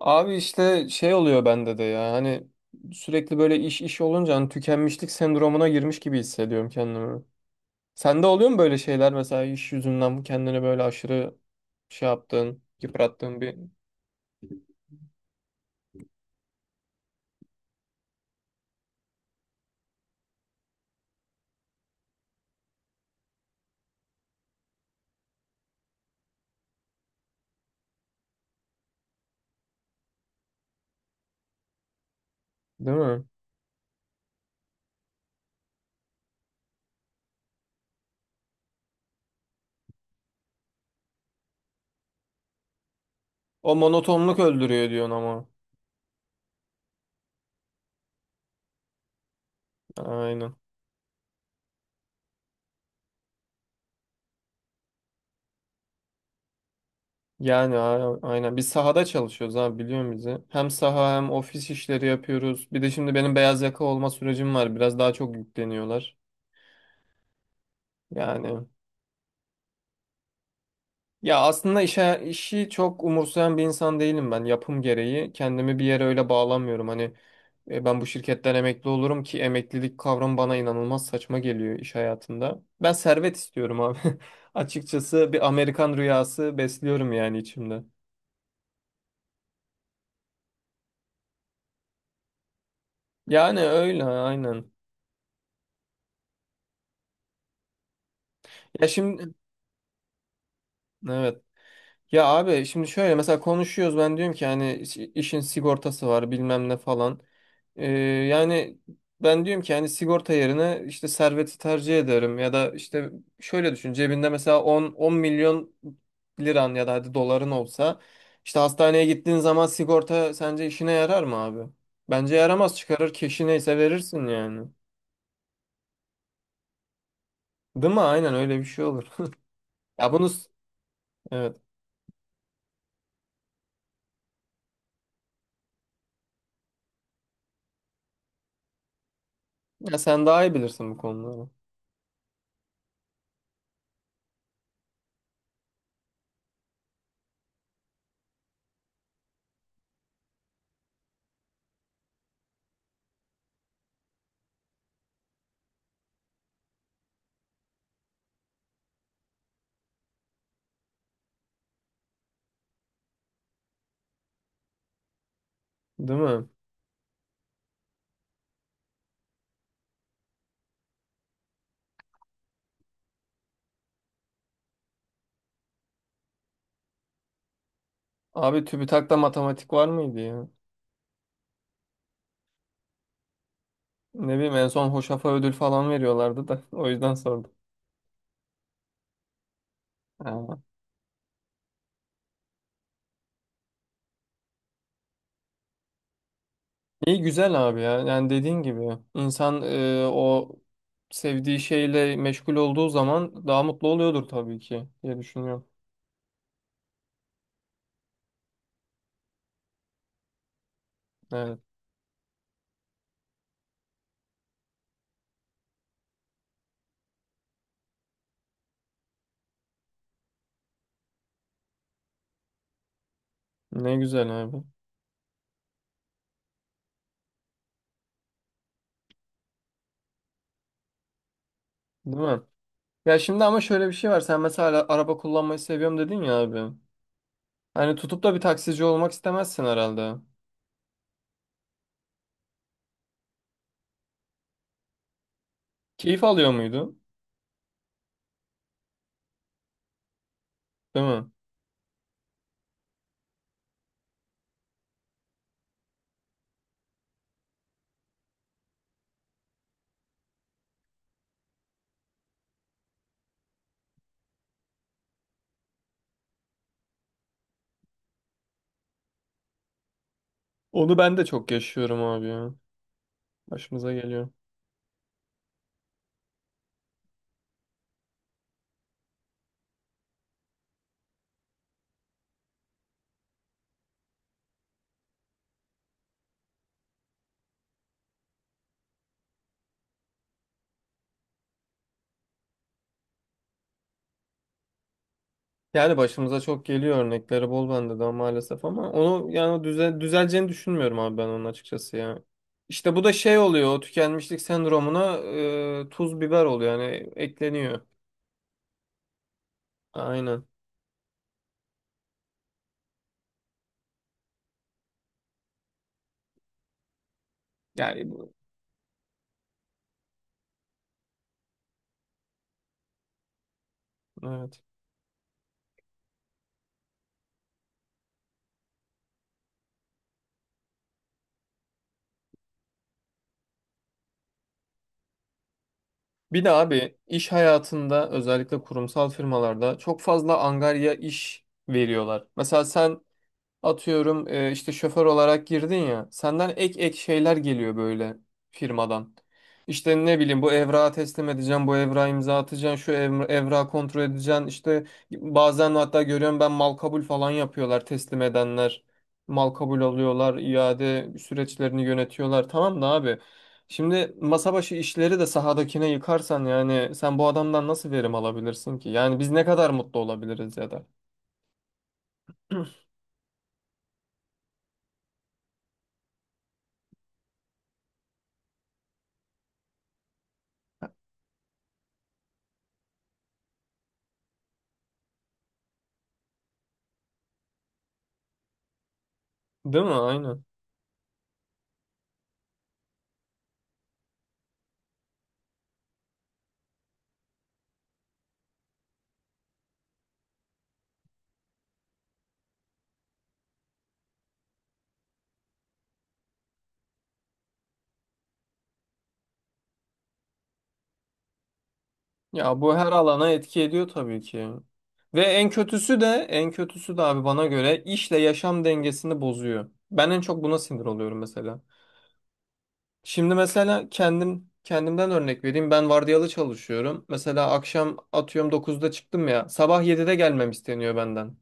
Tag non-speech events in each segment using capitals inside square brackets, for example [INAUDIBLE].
Abi işte şey oluyor bende de ya hani sürekli böyle iş olunca hani tükenmişlik sendromuna girmiş gibi hissediyorum kendimi. Sende oluyor mu böyle şeyler mesela iş yüzünden kendini böyle aşırı şey yaptığın, yıprattığın bir... Değil mi? O monotonluk öldürüyor diyorsun ama. Aynen. Yani aynen biz sahada çalışıyoruz abi, biliyorum bizi. Hem saha hem ofis işleri yapıyoruz. Bir de şimdi benim beyaz yaka olma sürecim var. Biraz daha çok yükleniyorlar. Yani ya aslında işi çok umursayan bir insan değilim ben, yapım gereği. Kendimi bir yere öyle bağlamıyorum. Hani ben bu şirketten emekli olurum ki, emeklilik kavramı bana inanılmaz saçma geliyor iş hayatında. Ben servet istiyorum abi. [LAUGHS] Açıkçası bir Amerikan rüyası besliyorum yani içimde. Yani öyle aynen. Ya şimdi evet. Ya abi şimdi şöyle mesela konuşuyoruz, ben diyorum ki hani işin sigortası var bilmem ne falan. Ee, yani ben diyorum ki hani sigorta yerine işte serveti tercih ederim, ya da işte şöyle düşün, cebinde mesela 10 milyon liran ya da hadi doların olsa, işte hastaneye gittiğin zaman sigorta sence işine yarar mı abi? Bence yaramaz, çıkarır keşi neyse verirsin yani. Değil mi? Aynen, öyle bir şey olur. Ya bunu evet. Ya sen daha iyi bilirsin bu konuları. Değil mi? Abi TÜBİTAK'ta matematik var mıydı ya? Ne bileyim, en son Hoşaf'a ödül falan veriyorlardı da [LAUGHS] o yüzden sordum. Ha. İyi güzel abi ya. Yani dediğin gibi insan o sevdiği şeyle meşgul olduğu zaman daha mutlu oluyordur tabii ki diye düşünüyorum. Evet. Ne güzel abi. Değil mi? Ya şimdi ama şöyle bir şey var. Sen mesela araba kullanmayı seviyorum dedin ya abi. Hani tutup da bir taksici olmak istemezsin herhalde. Keyif alıyor muydu? Değil mi? Onu ben de çok yaşıyorum abi ya. Başımıza geliyor. Yani başımıza çok geliyor, örnekleri bol bende de maalesef, ama onu yani düzeleceğini düşünmüyorum abi ben onun, açıkçası ya. İşte bu da şey oluyor, o tükenmişlik sendromuna tuz biber oluyor, yani ekleniyor. Aynen. Yani evet. Bir de abi iş hayatında özellikle kurumsal firmalarda çok fazla angarya iş veriyorlar. Mesela sen atıyorum işte şoför olarak girdin ya. Senden ek ek şeyler geliyor böyle firmadan. İşte ne bileyim, bu evrağı teslim edeceğim, bu evrağı imza atacaksın, şu evrağı kontrol edeceksin. İşte bazen hatta görüyorum, ben mal kabul falan yapıyorlar teslim edenler. Mal kabul alıyorlar, iade süreçlerini yönetiyorlar. Tamam da abi. Şimdi masa başı işleri de sahadakine yıkarsan, yani sen bu adamdan nasıl verim alabilirsin ki? Yani biz ne kadar mutlu olabiliriz ya da. Değil mi? Aynen. Ya bu her alana etki ediyor tabii ki. Ve en kötüsü de, en kötüsü de abi bana göre işle yaşam dengesini bozuyor. Ben en çok buna sinir oluyorum mesela. Şimdi mesela kendimden örnek vereyim. Ben vardiyalı çalışıyorum. Mesela akşam atıyorum 9'da çıktım ya. Sabah 7'de gelmem isteniyor benden.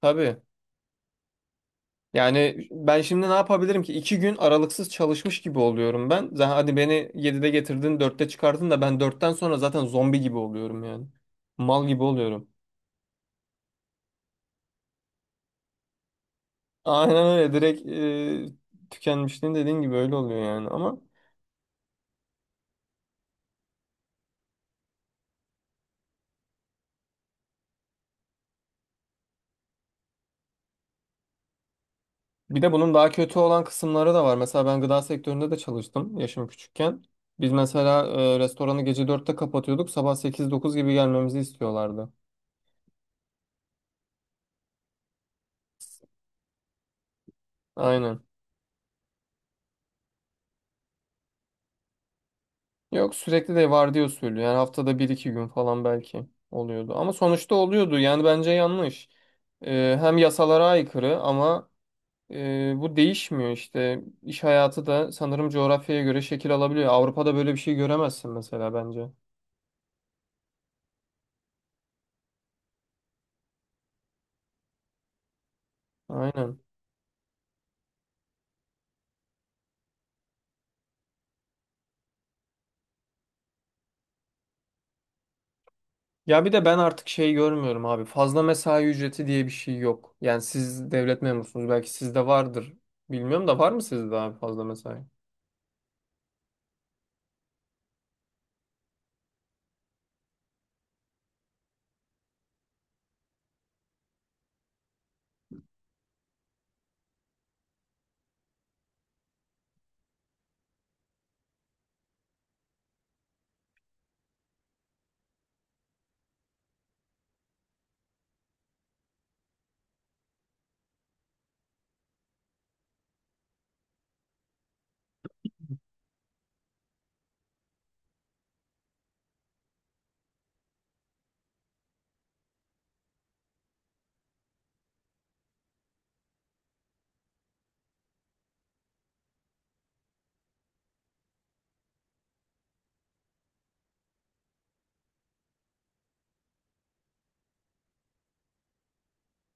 Tabii. Yani ben şimdi ne yapabilirim ki? İki gün aralıksız çalışmış gibi oluyorum ben. Zaten hadi beni 7'de getirdin, 4'te çıkardın da, ben 4'ten sonra zaten zombi gibi oluyorum yani. Mal gibi oluyorum. Aynen öyle direkt tükenmişliğin dediğin gibi öyle oluyor yani, ama bir de bunun daha kötü olan kısımları da var. Mesela ben gıda sektöründe de çalıştım, yaşım küçükken. Biz mesela restoranı gece 4'te kapatıyorduk, sabah 8-9 gibi gelmemizi istiyorlardı. Aynen. Yok, sürekli de vardiya usulü yani, haftada bir iki gün falan belki oluyordu. Ama sonuçta oluyordu, yani bence yanlış. E, hem yasalara aykırı ama bu değişmiyor işte. İş hayatı da sanırım coğrafyaya göre şekil alabiliyor. Avrupa'da böyle bir şey göremezsin mesela, bence. Aynen. Ya bir de ben artık şey görmüyorum abi. Fazla mesai ücreti diye bir şey yok. Yani siz devlet memurusunuz, belki sizde vardır. Bilmiyorum, da var mı sizde abi fazla mesai?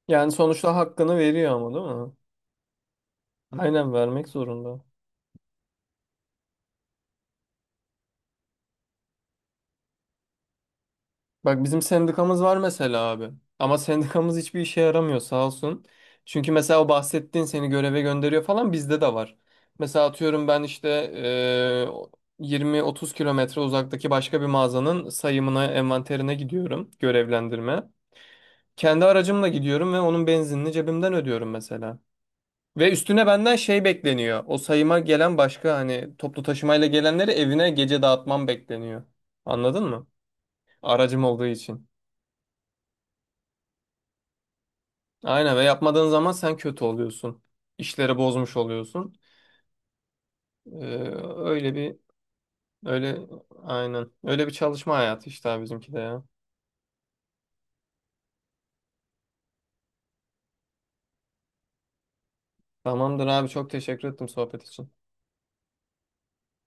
Yani sonuçta hakkını veriyor ama, değil mi? Aynen, vermek zorunda. Bak bizim sendikamız var mesela abi. Ama sendikamız hiçbir işe yaramıyor sağ olsun. Çünkü mesela o bahsettiğin, seni göreve gönderiyor falan, bizde de var. Mesela atıyorum ben işte eee, 20-30 kilometre uzaktaki başka bir mağazanın sayımına, envanterine gidiyorum görevlendirme. Kendi aracımla gidiyorum ve onun benzinini cebimden ödüyorum mesela. Ve üstüne benden şey bekleniyor. O sayıma gelen başka, hani toplu taşımayla gelenleri evine gece dağıtmam bekleniyor. Anladın mı? Aracım olduğu için. Aynen, ve yapmadığın zaman sen kötü oluyorsun. İşleri bozmuş oluyorsun. Ee, öyle bir Öyle aynen. Öyle bir çalışma hayatı işte abi, bizimki de ya. Tamamdır abi, çok teşekkür ettim sohbet için.